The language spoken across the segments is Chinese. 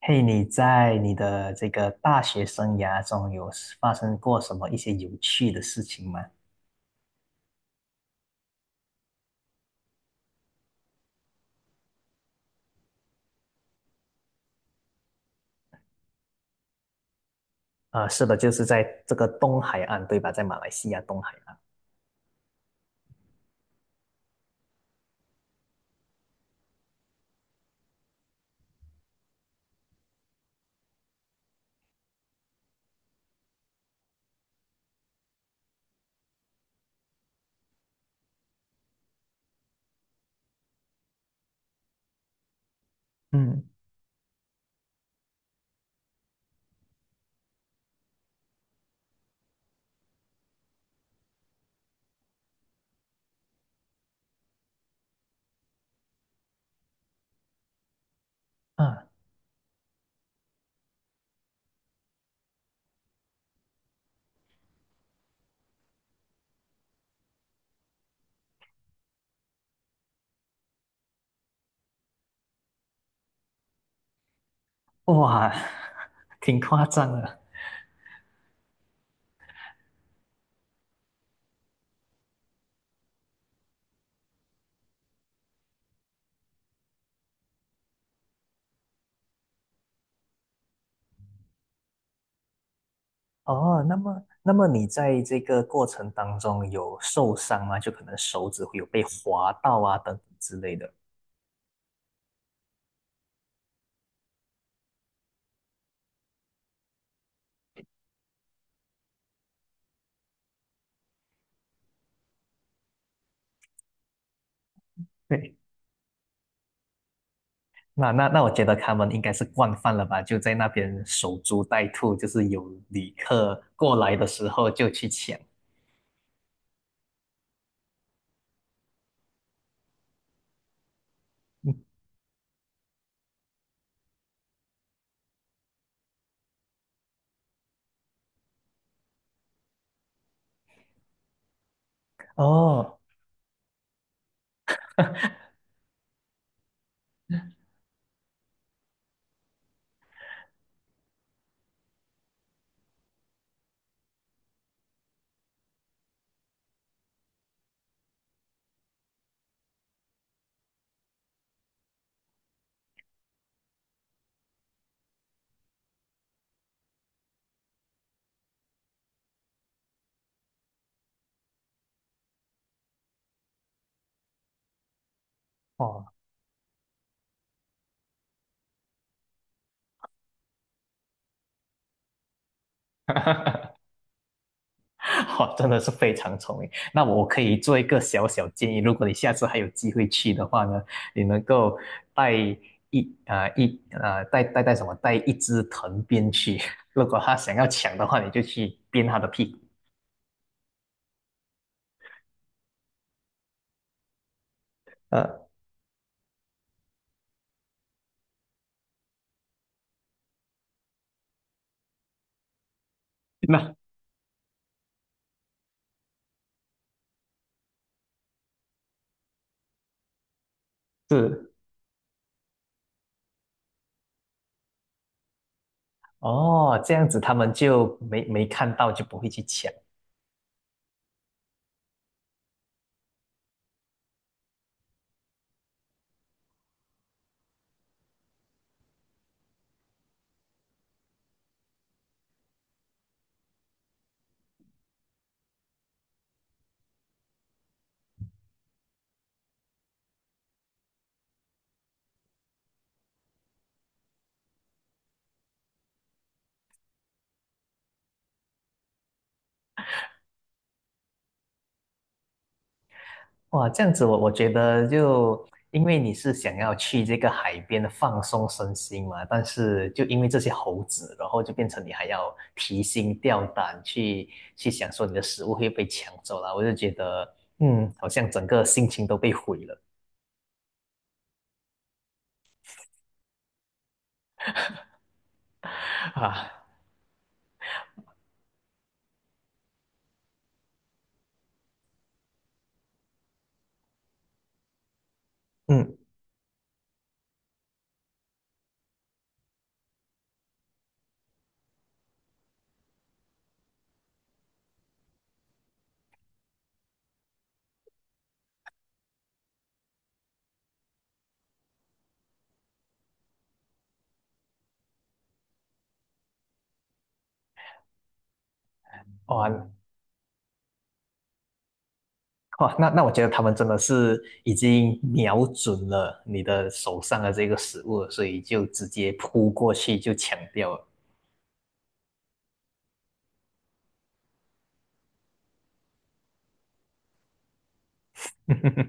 嘿，你在你的这个大学生涯中有发生过什么一些有趣的事情吗？啊，是的，就是在这个东海岸，对吧？在马来西亚东海岸。嗯，啊，哇，挺夸张的。哦，那么你在这个过程当中有受伤吗？就可能手指会有被划到啊，等等之类的。对，那，我觉得他们应该是惯犯了吧？就在那边守株待兔，就是有旅客过来的时候就去抢。嗯哦哦，哦，真的是非常聪明。那我可以做一个小小建议，如果你下次还有机会去的话呢，你能够带一啊、呃一啊、呃带带带什么带一只藤鞭去，如果他想要抢的话，你就去鞭他的屁股。呃，那是哦，这样子他们就没看到，就不会去抢。哇，这样子我觉得就因为你是想要去这个海边放松身心嘛，但是就因为这些猴子，然后就变成你还要提心吊胆去想说你的食物会被抢走了，我就觉得好像整个心情都被毁了啊，嗯，哇哇，那我觉得他们真的是已经瞄准了你的手上的这个食物了，所以就直接扑过去就抢掉了。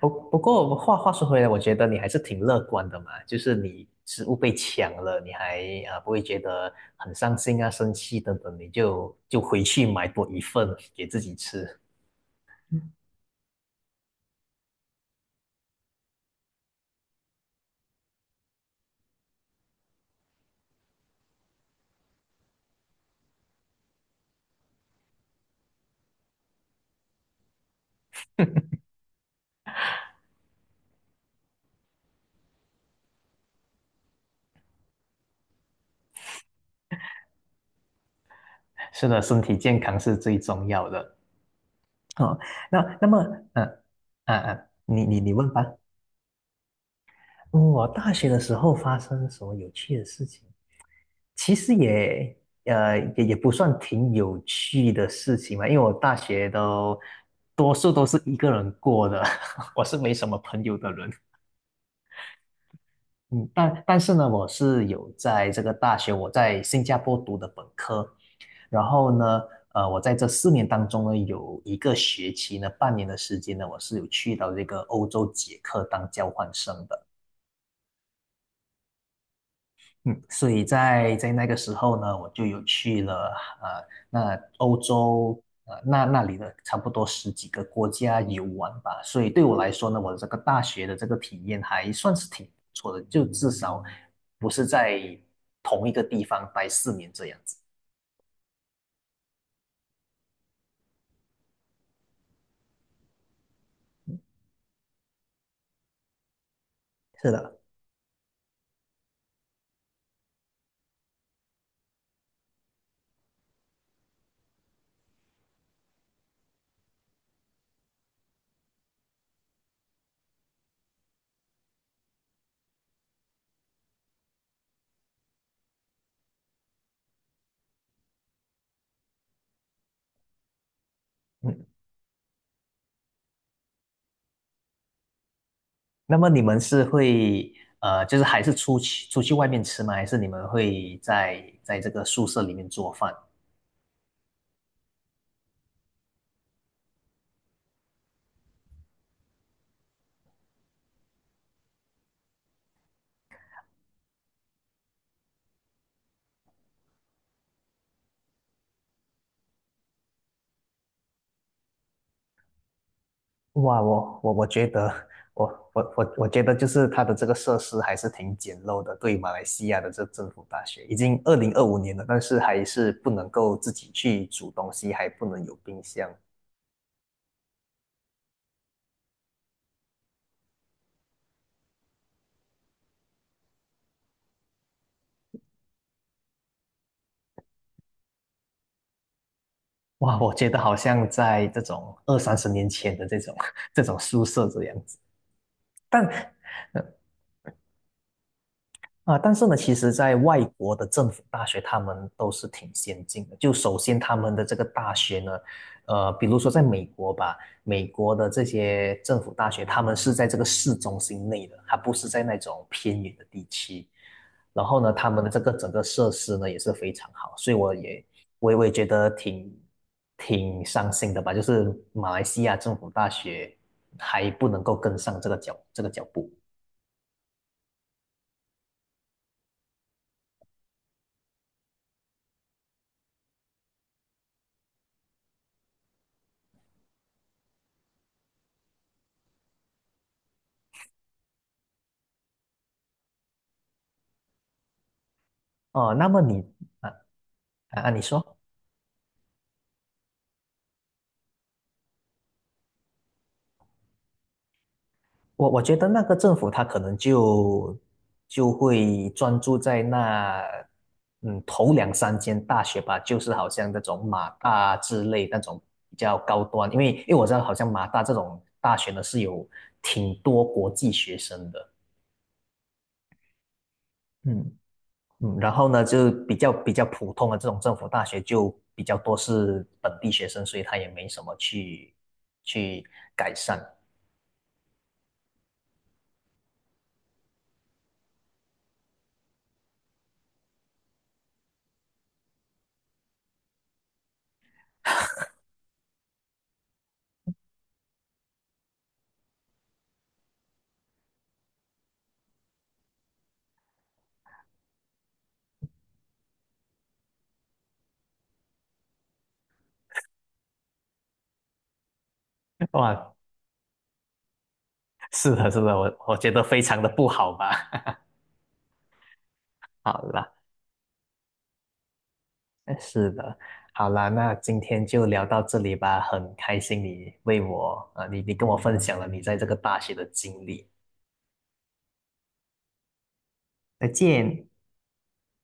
不过我们话说回来，我觉得你还是挺乐观的嘛，就是你食物被抢了，你还不会觉得很伤心啊、生气等等，你就回去买多一份给自己吃。是的，身体健康是最重要的。哦，那那么，嗯、你问吧。嗯我大学的时候发生什么有趣的事情？其实也不算挺有趣的事情嘛，因为我大学多数都是一个人过的，我是没什么朋友的人。嗯，但是呢，我是有在这个大学，我在新加坡读的本科，然后呢，我在这四年当中呢，有一个学期呢，半年的时间呢，我是有去到这个欧洲捷克当交换生的。嗯，所以在那个时候呢，我就有去了欧洲那里的差不多十几个国家游玩吧。所以对我来说呢，我的这个大学的这个体验还算是挺不错的，就至少不是在同一个地方待四年这样子。是的，嗯。那么你们是会就是还是出去外面吃吗？还是你们会在这个宿舍里面做饭？哇，我我我觉得，我觉得就是它的这个设施还是挺简陋的，对于马来西亚的这政府大学，已经2025年了，但是还是不能够自己去煮东西，还不能有冰箱。哇，我觉得好像在这种二三十年前的这种 这种宿舍这样子。但但是呢，其实，在外国的政府大学，他们都是挺先进的。就首先，他们的这个大学呢，比如说在美国吧，美国的这些政府大学，他们是在这个市中心内的，它不是在那种偏远的地区。然后呢，他们的这个整个设施呢也是非常好，所以我也觉得挺伤心的吧，就是马来西亚政府大学还不能够跟上这个脚步。哦，那么你啊你说。我觉得那个政府他可能就会专注在那头两三间大学吧，就是好像那种马大之类那种比较高端，因为我知道好像马大这种大学呢是有挺多国际学生的，嗯，嗯，然后呢就比较普通的这种政府大学就比较多是本地学生，所以他也没什么去改善。哇，是的，是的，我觉得非常的不好吧。好啦，是的，好啦，那今天就聊到这里吧。很开心你为我，啊，你跟我分享了你在这个大学的经历。再见。